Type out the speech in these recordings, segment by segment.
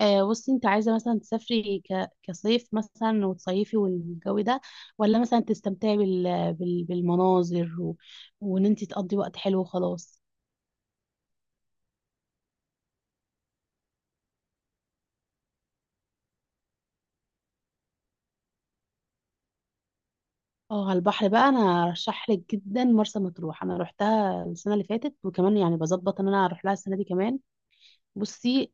بصي انت عايزه مثلا تسافري كصيف مثلا وتصيفي والجو ده، ولا مثلا تستمتعي بالمناظر وان انت تقضي وقت حلو وخلاص. اه، على البحر بقى انا ارشح لك جدا مرسى مطروح. انا روحتها السنه اللي فاتت وكمان يعني بظبط ان انا اروح لها السنه دي كمان. بصي،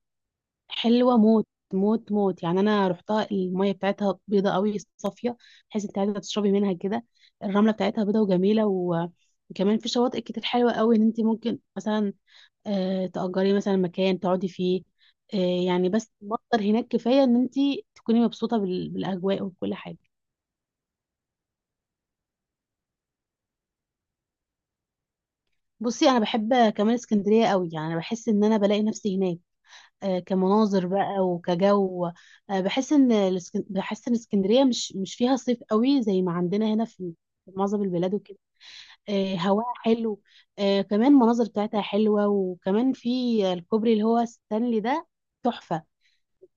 حلوه موت، موت يعني. انا روحتها، الميه بتاعتها بيضه قوي، صافيه، تحسي انت عايزه تشربي منها كده. الرمله بتاعتها بيضه وجميله، وكمان في شواطئ كتير حلوه قوي ان انت ممكن مثلا تأجري مثلا مكان تقعدي فيه. آه، يعني بس مصدر هناك كفاية ان انت تكوني مبسوطة بالأجواء وكل حاجة. بصي، انا بحب كمان اسكندرية قوي. يعني انا بحس ان انا بلاقي نفسي هناك، كمناظر بقى وكجو. بحس ان بحس ان اسكندرية مش فيها صيف قوي زي ما عندنا هنا في في معظم البلاد وكده. هواها حلو. كمان المناظر بتاعتها حلوة، وكمان في الكوبري اللي هو ستانلي ده، تحفة.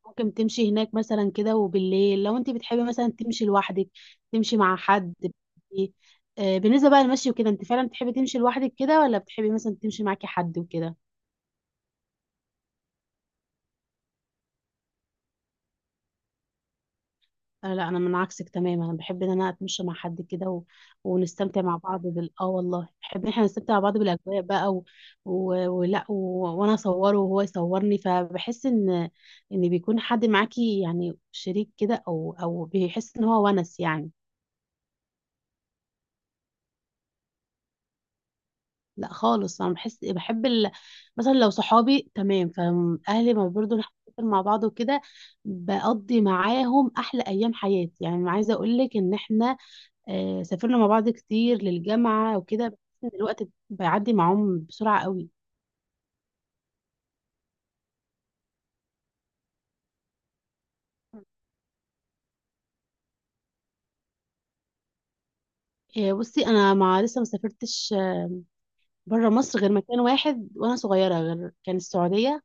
ممكن تمشي هناك مثلا كده، وبالليل لو انت بتحبي مثلا تمشي لوحدك، تمشي مع حد. بالنسبة بقى للمشي وكده، انت فعلا بتحبي تمشي لوحدك كده، ولا بتحبي مثلا تمشي معاكي حد وكده؟ لا، انا من عكسك تماما، انا بحب ان انا اتمشى مع حد كده ونستمتع مع بعض بال والله بحب ان احنا نستمتع مع بعض بالاجواء بقى و... ولا وانا اصوره وهو يصورني. فبحس ان ان بيكون حد معاكي، يعني شريك كده، او بيحس ان هو ونس يعني. لا خالص، انا بحس بحب مثلا لو صحابي تمام، فاهلي ما برضو نحتفل مع بعض وكده. بقضي معاهم احلى ايام حياتي. يعني عايزه اقول لك ان احنا سافرنا مع بعض كتير للجامعه وكده، بحس ان الوقت بيعدي معاهم بسرعه قوي. بصي، انا مع لسه ما سافرتش بره مصر غير مكان واحد وانا صغيره، غير كان السعوديه.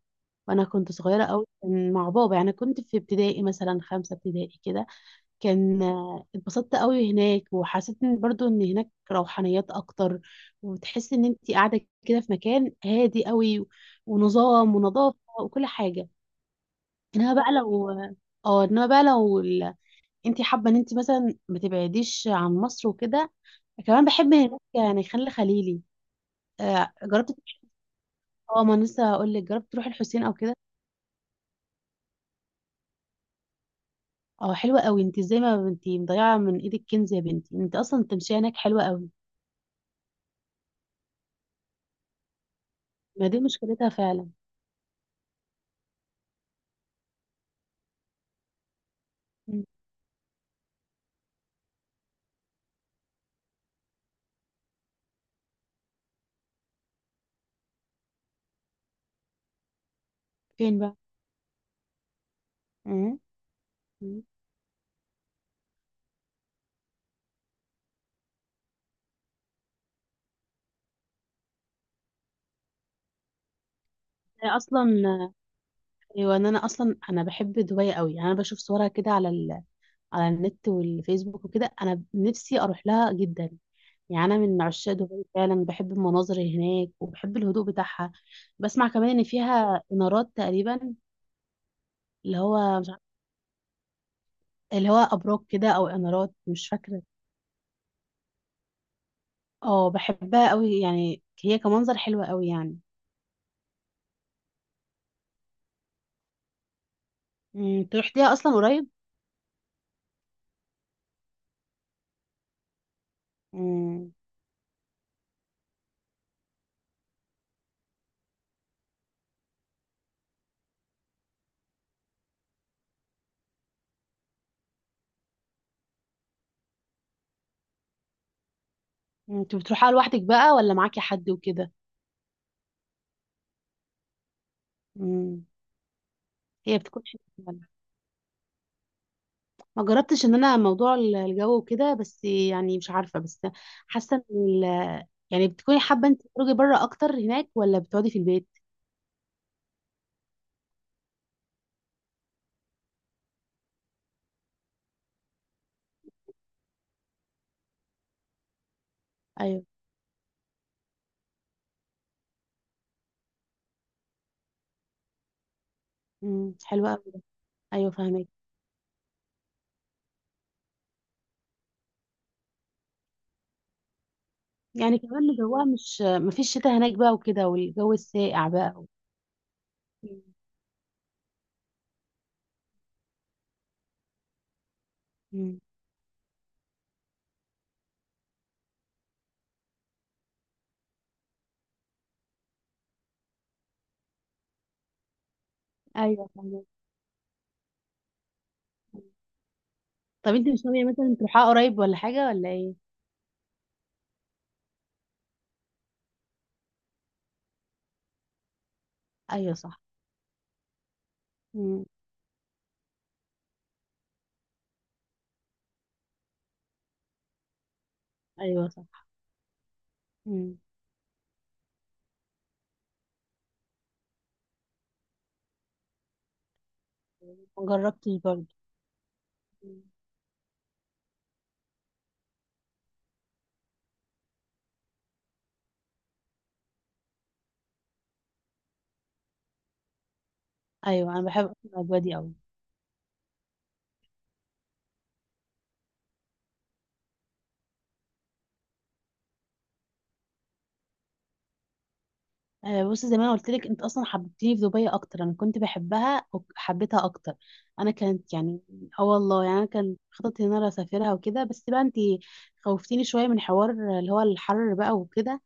وانا كنت صغيره قوي، كان مع بابا. يعني كنت في ابتدائي مثلا، خمسه ابتدائي كده. كان اتبسطت قوي هناك، وحسيت ان برضو ان هناك روحانيات اكتر، وتحس ان انت قاعده كده في مكان هادي قوي، ونظام ونظافه وكل حاجه. انما بقى لو، اه انما بقى لو انت حابه ان انت مثلا ما تبعديش عن مصر وكده، كمان بحب هناك. يعني خليلي جربت. اه، ما أنا لسه هقول لك، جربت تروحي الحسين او كده؟ اه، حلوه قوي. انت ازاي ما انت مضيعه من ايدك كنز يا بنتي؟ انت اصلا التمشيه هناك حلوه قوي. ما دي مشكلتها فعلا. مم. فين بقى؟ مم. مم. انا اصلا، ايوه، إن انا اصلا انا بحب دبي قوي. يعني انا بشوف صورها كده على على النت والفيسبوك وكده، انا نفسي اروح لها جدا. يعني انا من عشاق دبي فعلا، بحب المناظر هناك وبحب الهدوء بتاعها. بسمع كمان ان فيها انارات تقريبا، اللي هو مش عارف- اللي هو ابراج كده، او انارات مش فاكره. اه، بحبها قوي يعني، هي كمنظر حلوه قوي يعني. مم، تروح ليها اصلا قريب؟ مم. مم، انت بتروحها لوحدك بقى ولا معاكي حد وكده؟ امم، هي بتكونش فعلا. ما جربتش ان انا موضوع الجو وكده، بس يعني مش عارفه. بس حاسه ان ال- يعني بتكوني حابه انت تخرجي بره اكتر هناك، ولا بتقعدي في البيت؟ ايوه. امم، حلوه قوي. ايوه فاهمك. يعني كمان جوها، مش ما فيش شتاء هناك بقى وكده، والجو الساقع بقى. امم. أمم. ايوه فاهمك. طب انت مش ناويه مثلا تروحيها قريب، ولا حاجه ولا ايه؟ ايوه صح. امم. ايوه صح. امم. ما جربتش برضه. أمم. ايوه انا بحب أصلاً الاجواء دي قوي. بصي، زي ما انا قلت لك، انت اصلا حببتيني في دبي اكتر. انا كنت بحبها وحبيتها اكتر. انا كانت يعني، اه والله يعني انا كان خططي ان انا اسافرها وكده، بس بقى انت خوفتيني شويه من حوار اللي هو الحر بقى وكده.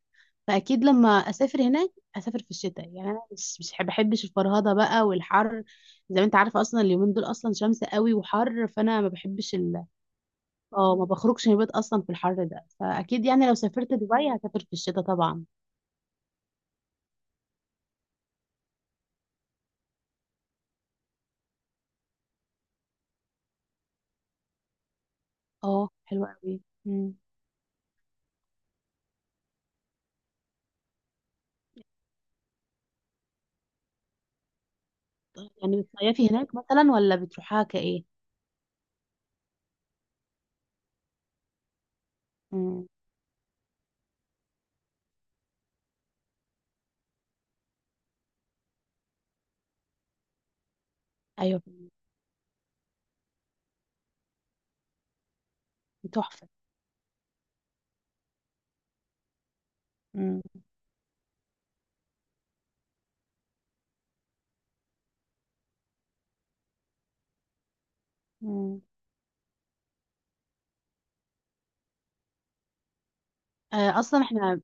فاكيد لما اسافر هناك، اسافر في الشتاء. يعني انا مش بحبش الفرهده بقى والحر، زي ما انت عارفه. اصلا اليومين دول اصلا شمس قوي وحر، فانا ما بحبش اه، ما بخرجش من البيت اصلا في الحر ده. فاكيد يعني لو سافرت دبي، هسافر في الشتاء طبعا. اه حلوه قوي. يعني بتصيفي هناك مثلا، ولا بتروحها كايه؟ مم. ايوه. تحفه. مم. مم. اصلا احنا،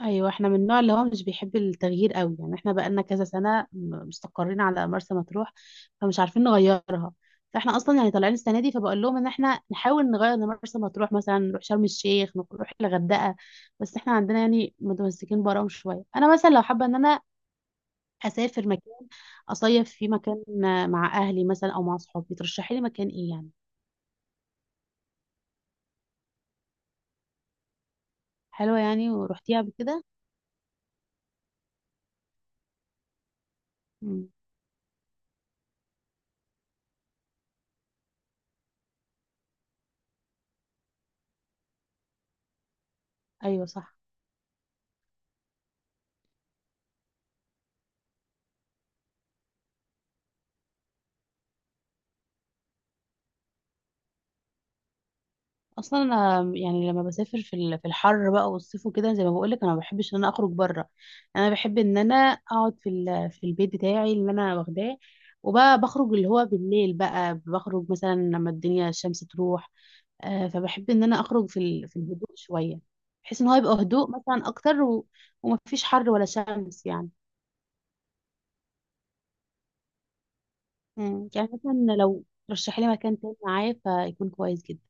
ايوه، احنا من النوع اللي هو مش بيحب التغيير قوي. يعني احنا بقالنا كذا سنه مستقرين على مرسى مطروح، فمش عارفين نغيرها. فاحنا اصلا يعني طالعين السنه دي، فبقول لهم ان احنا نحاول نغير مرسى مطروح، مثلا نروح شرم الشيخ، نروح الغردقه. بس احنا عندنا يعني متمسكين براهم شويه. انا مثلا لو حابه ان انا اسافر مكان، اصيف في مكان مع اهلي مثلا او مع صحابي، ترشحي لي مكان ايه يعني؟ حلوة يعني، ورحتيها قبل كده؟ مم. ايوه صح. اصلا انا يعني لما بسافر في في الحر بقى والصيف وكده، زي ما بقول لك، انا ما بحبش ان انا اخرج بره. انا بحب ان انا اقعد في في البيت بتاعي اللي انا واخداه، وبقى بخرج اللي هو بالليل. بقى بخرج مثلا لما الدنيا الشمس تروح. فبحب ان انا اخرج في في الهدوء شوية، بحيث ان هو يبقى هدوء مثلا اكتر، ومفيش حر ولا شمس يعني. مم. يعني مثلا لو رشحي لي مكان تاني معايا، فيكون كويس جدا.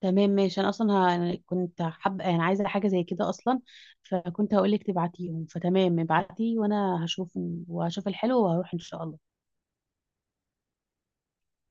تمام ماشي. انا اصلا أنا كنت حابه، يعني عايزه حاجه زي كده اصلا، فكنت هقول لك تبعتيهم. فتمام، ابعتي وانا هشوف، وهشوف الحلو وهروح ان شاء الله.